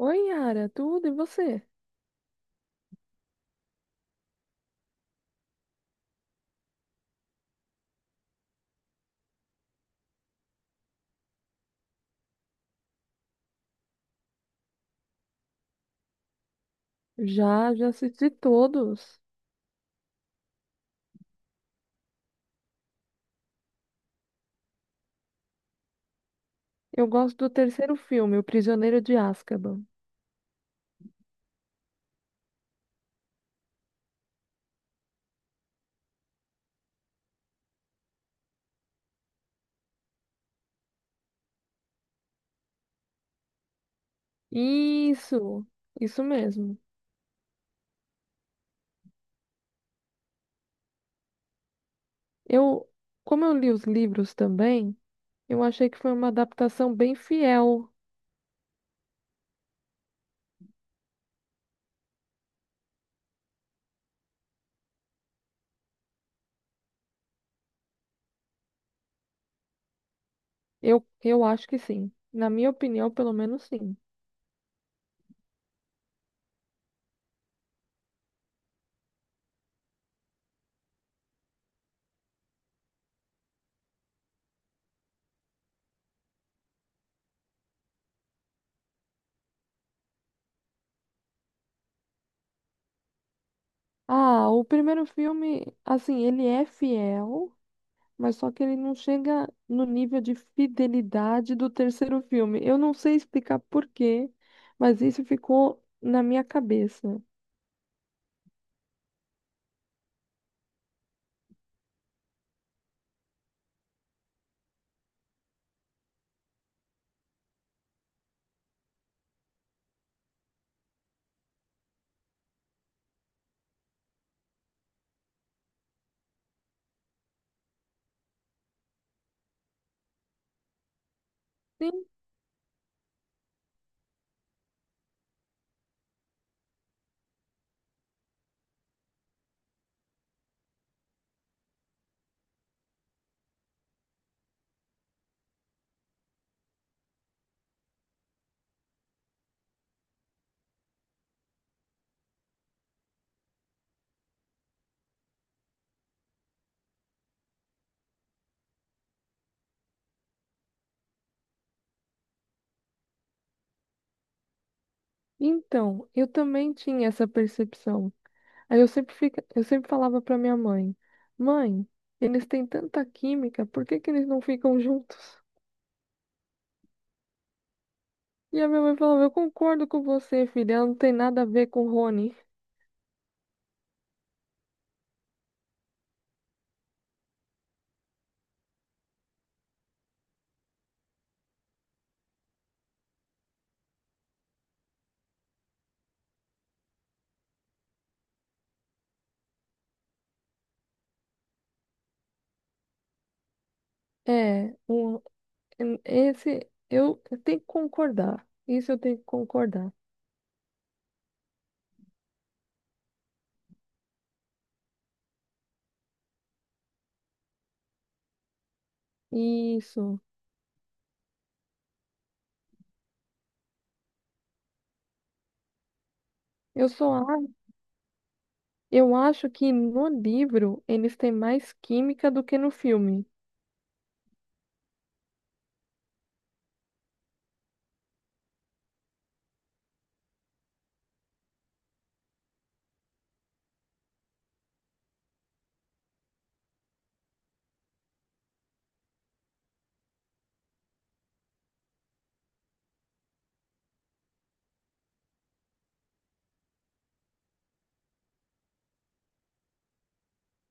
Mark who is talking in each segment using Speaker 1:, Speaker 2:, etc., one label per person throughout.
Speaker 1: Oi, Yara, tudo e você? Já, já assisti todos. Eu gosto do terceiro filme, O Prisioneiro de Azkaban. Isso, isso mesmo. Eu, como eu li os livros também, eu achei que foi uma adaptação bem fiel. Eu acho que sim. Na minha opinião, pelo menos sim. Ah, o primeiro filme, assim, ele é fiel, mas só que ele não chega no nível de fidelidade do terceiro filme. Eu não sei explicar por quê, mas isso ficou na minha cabeça. Sim, então, eu também tinha essa percepção. Aí eu sempre falava para minha mãe: "Mãe, eles têm tanta química, por que que eles não ficam juntos?" E a minha mãe falava: "Eu concordo com você, filha, ela não tem nada a ver com o Rony." É, um, esse eu tenho que concordar. Isso eu tenho que concordar. Isso. Eu só a- eu acho que no livro eles têm mais química do que no filme.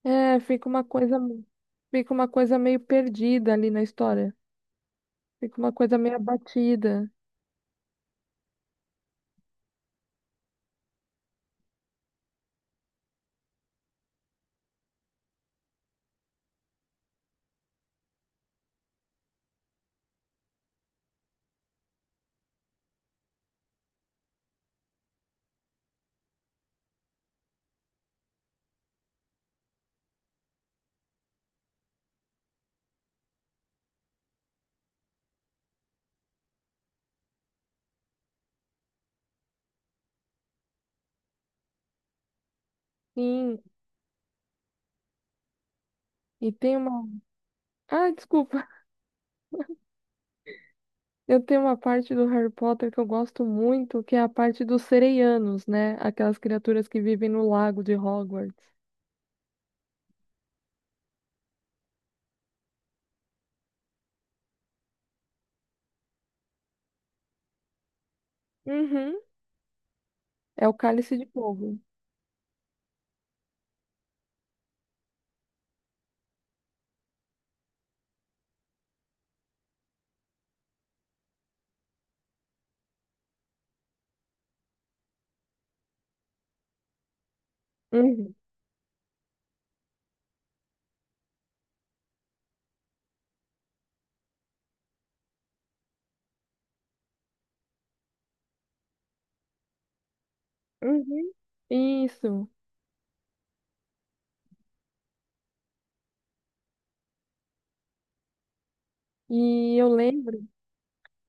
Speaker 1: É, fica uma coisa meio perdida ali na história. Fica uma coisa meio abatida. Sim. E tem uma. Ah, desculpa. Eu tenho uma parte do Harry Potter que eu gosto muito, que é a parte dos sereianos, né? Aquelas criaturas que vivem no lago de Hogwarts. Uhum. É o Cálice de Fogo. Uhum. Uhum. Isso. E eu lembro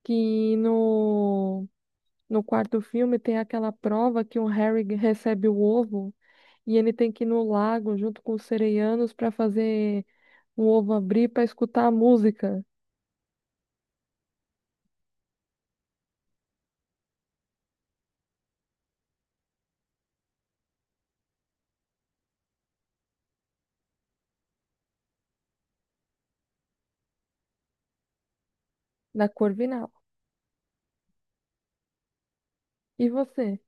Speaker 1: que no quarto filme tem aquela prova que o Harry recebe o ovo e ele tem que ir no lago junto com os sereianos para fazer o ovo abrir para escutar a música da Corvinal. E você?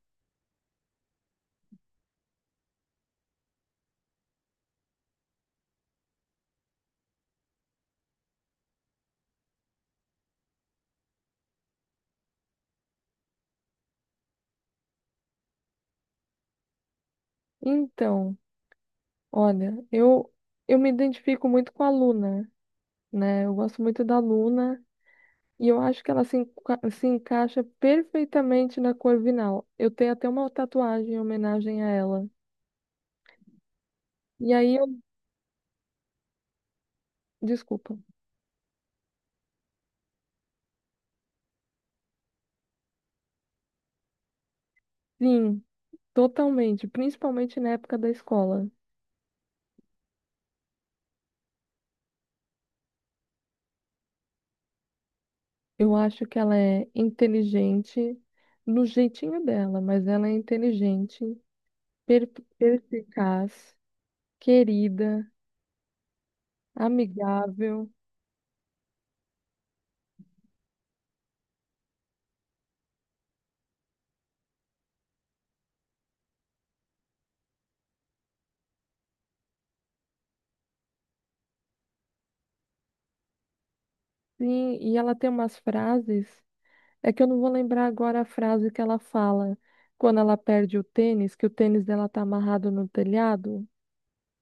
Speaker 1: Então, olha, eu me identifico muito com a Luna, né? Eu gosto muito da Luna. E eu acho que ela se encaixa perfeitamente na Corvinal. Eu tenho até uma tatuagem em homenagem a ela. E aí eu. Desculpa. Sim. Totalmente, principalmente na época da escola. Eu acho que ela é inteligente no jeitinho dela, mas ela é inteligente, per- perspicaz, querida, amigável. Sim, e ela tem umas frases, é que eu não vou lembrar agora a frase que ela fala quando ela perde o tênis, que o tênis dela tá amarrado no telhado.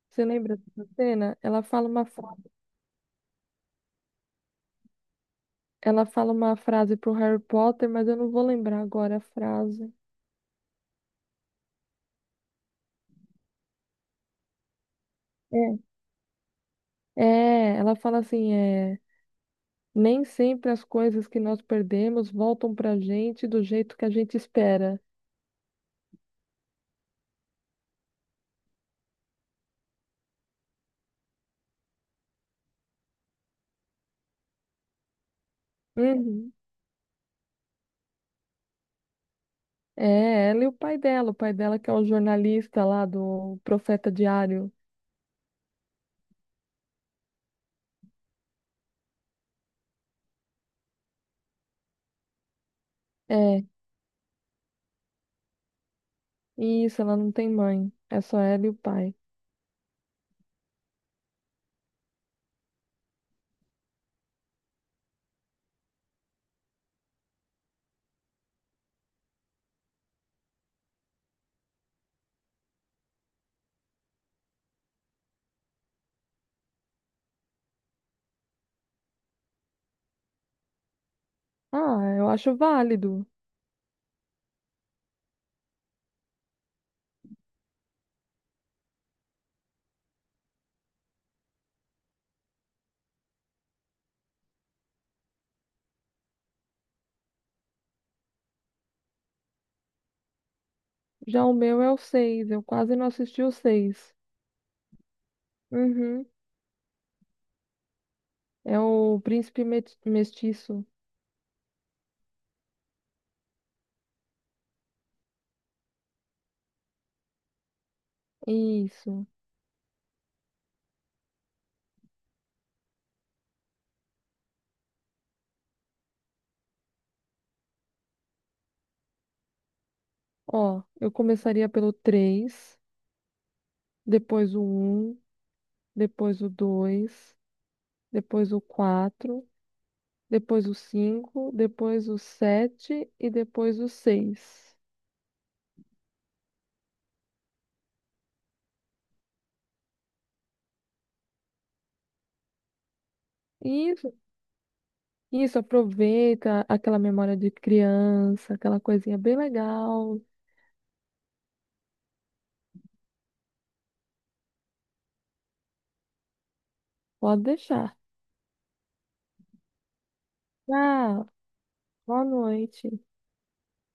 Speaker 1: Você lembra dessa cena? Ela fala uma frase pro Harry Potter, mas eu não vou lembrar agora a frase. É, ela fala assim, é, nem sempre as coisas que nós perdemos voltam pra gente do jeito que a gente espera. Uhum. É, ela e o pai dela que é o jornalista lá do Profeta Diário. É, isso, ela não tem mãe, é só ela e o pai. Ah, eu acho válido. Já o meu é o seis, eu quase não assisti o seis. Uhum. É o Príncipe Mestiço. Isso. Ó, eu começaria pelo 3, depois o um, depois o dois, depois o quatro, depois o cinco, depois o 7 e depois o seis. Isso, isso, aproveita aquela memória de criança, aquela coisinha bem legal. Pode deixar. Tchau, boa noite.